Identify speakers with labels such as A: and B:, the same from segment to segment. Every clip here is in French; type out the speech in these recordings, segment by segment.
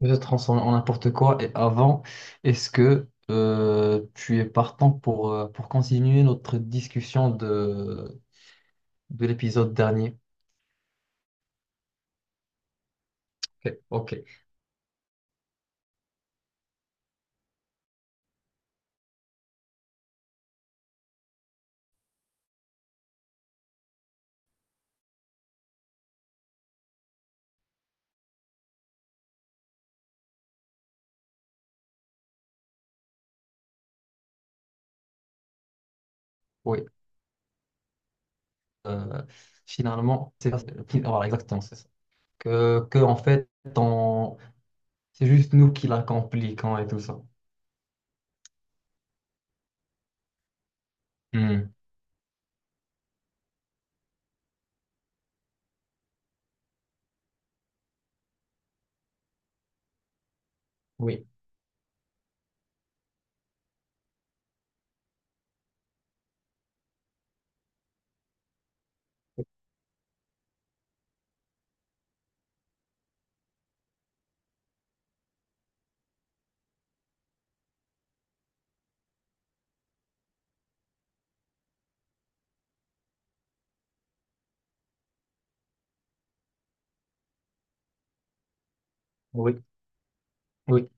A: De transformer en n'importe quoi. Et avant, est-ce que tu es partant pour continuer notre discussion de l'épisode dernier? Ok, ok, oui. Euh, Finalement, c'est voilà, exactement, c'est ça. En fait, on- c'est juste nous qui la compliquons et tout ça. Hmm. Oui, oui, oui,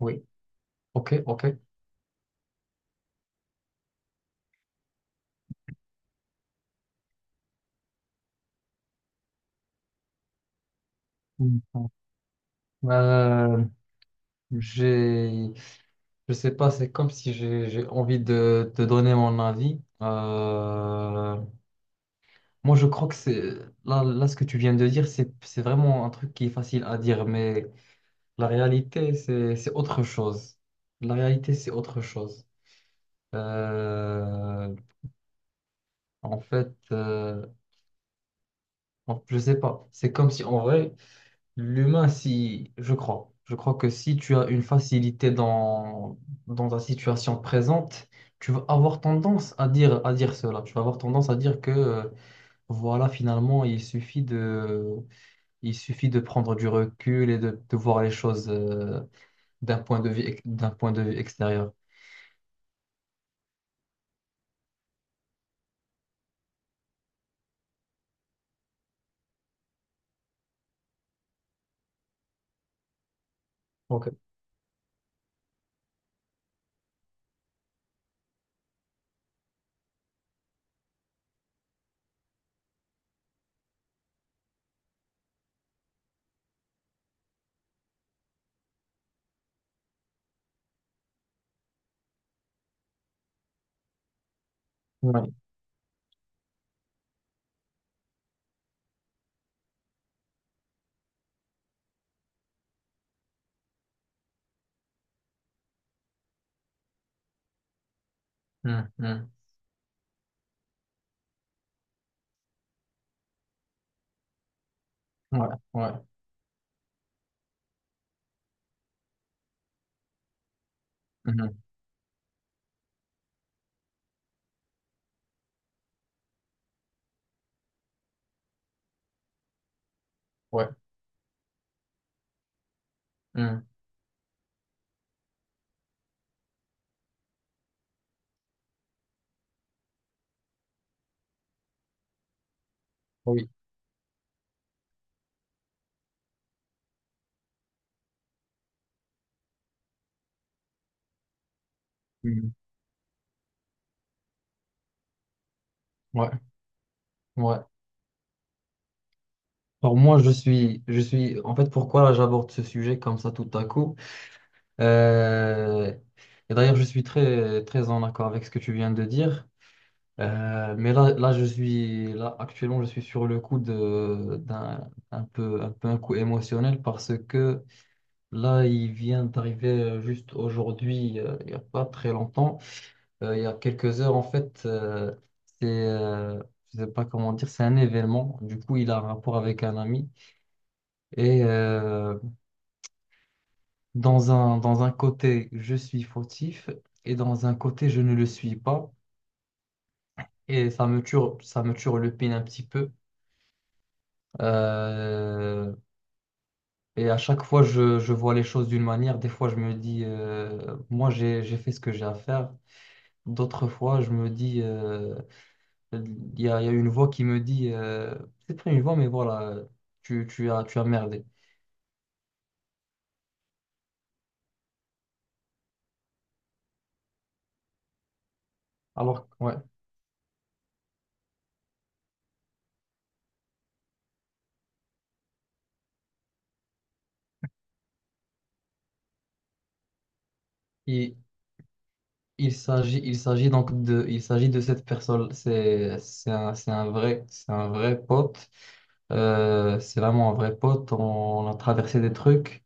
A: oui. Ok, ok. Hmm. Euh, j'ai Je sais pas, c'est comme si j'ai envie de te donner mon avis. Moi, je crois que c'est là, là, ce que tu viens de dire, c'est vraiment un truc qui est facile à dire, mais la réalité, c'est autre chose. La réalité, c'est autre chose. Euh, en fait, je sais pas. C'est comme si en vrai, l'humain, si, je crois que si tu as une facilité dans, dans ta situation présente, tu vas avoir tendance à dire cela. Tu vas avoir tendance à dire que, voilà, finalement, il suffit de prendre du recul et de voir les choses, d'un point de vue, d'un point de vue extérieur. Ok. Ouais. Mm, mm. Ouais. Ouais. Mhm. Ouais. Mm. Oui. Mm. Ouais. Ouais. Alors moi, je suis, en fait, pourquoi là, j'aborde ce sujet comme ça tout à coup? Euh, et d'ailleurs, je suis très, très en accord avec ce que tu viens de dire. Mais là, là, là, actuellement, je suis sur le coup de, un peu, un peu un coup émotionnel parce que là, il vient d'arriver juste aujourd'hui, il n'y a pas très longtemps, il y a quelques heures, en fait, c'est, euh, je sais pas comment dire, c'est un événement. Du coup, il a un rapport avec un ami et, dans un, dans un côté, je suis fautif et dans un côté, je ne le suis pas. Et ça me tue le pin un petit peu. Euh, et à chaque fois, je vois les choses d'une manière. Des fois, je me dis, moi, j'ai fait ce que j'ai à faire. D'autres fois, je me dis, il y a une voix qui me dit, c'est pas une voix, mais voilà, tu as merdé. Alors, ouais. Et, il s'agit de cette personne. C'est un vrai pote. C'est vraiment un vrai pote. On a traversé des trucs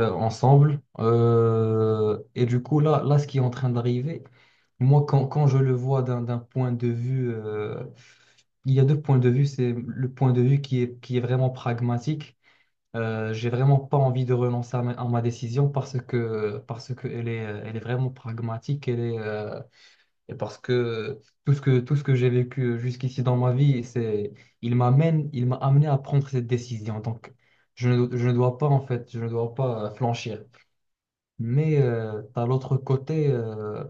A: ensemble. Et du coup, là, là, ce qui est en train d'arriver, moi, quand je le vois d'un point de vue, il y a deux points de vue. C'est le point de vue qui est vraiment pragmatique. J'ai vraiment pas envie de renoncer à ma décision parce que elle est vraiment pragmatique. Elle est, et parce que tout ce que j'ai vécu jusqu'ici dans ma vie, c'est, il m'a amené à prendre cette décision. Donc, je ne dois pas, en fait, je ne dois pas flanchir. Mais tu as l'autre côté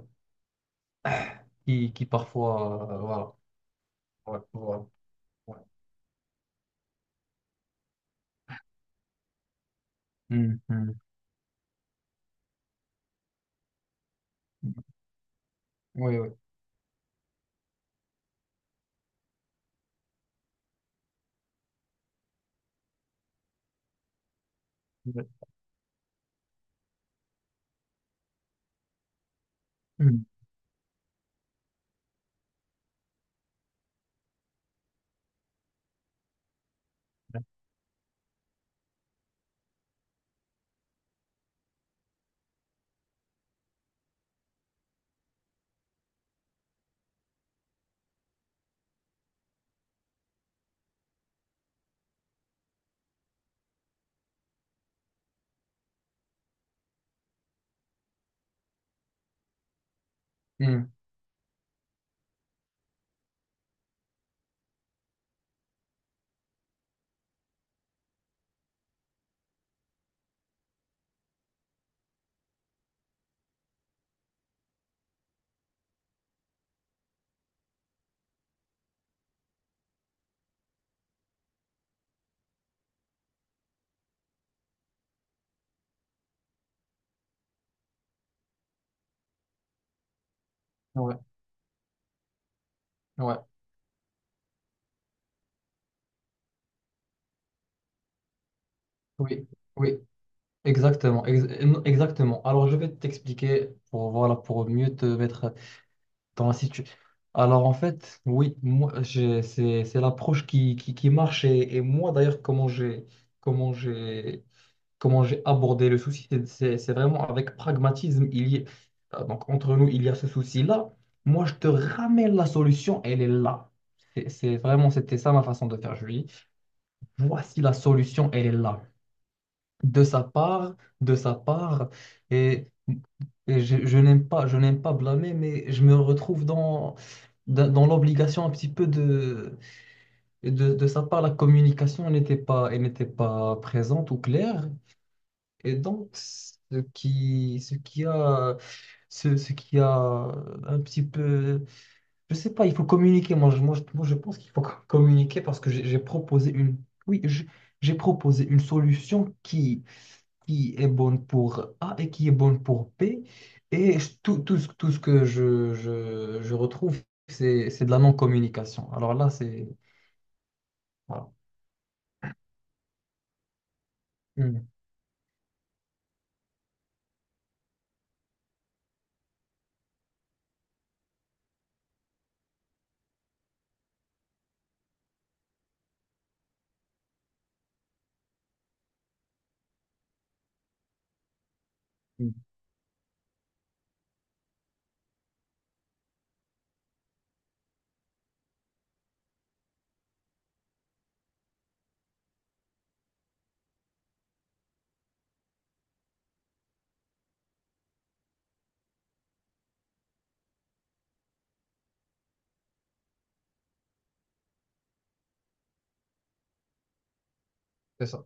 A: qui parfois. Euh, voilà. Ouais, voilà. Ouais. Hum, hum. Oui, oui. Ouais. Hum. Hmm, ouais, ouais, oui, oui, exactement, exactement. Alors, je vais t'expliquer pour, voilà, pour mieux te mettre dans la Alors en fait, oui, c'est l'approche qui marche et moi d'ailleurs comment j'ai comment j'ai abordé le souci, c'est vraiment avec pragmatisme. Donc entre nous, il y a ce souci-là. Moi, je te ramène la solution, elle est là. C'est vraiment c'était ça ma façon de faire, Julie. Voici la solution, elle est là de sa part, de sa part, et, et je n'aime pas blâmer, mais je me retrouve dans, dans l'obligation un petit peu de sa part, la communication n'était pas, elle n'était pas présente ou claire, et donc ce qui a un petit peu, je sais pas, il faut communiquer, moi, je pense qu'il faut communiquer parce que j'ai proposé une, oui, j'ai proposé une solution qui est bonne pour A et qui est bonne pour B. Et tout ce que je retrouve, c'est de la non-communication. Alors là, c'est... Voilà. Mm, mm, c'est ça.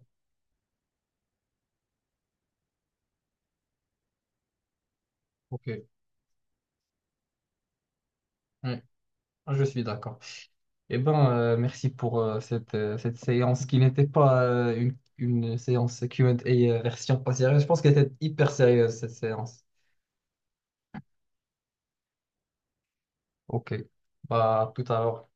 A: OK. Mm, je suis d'accord. Eh bien, merci pour cette, cette séance qui n'était pas une séance Q&A version pas sérieuse. Je pense qu'elle était hyper sérieuse, cette séance. OK. Bah, à tout à l'heure.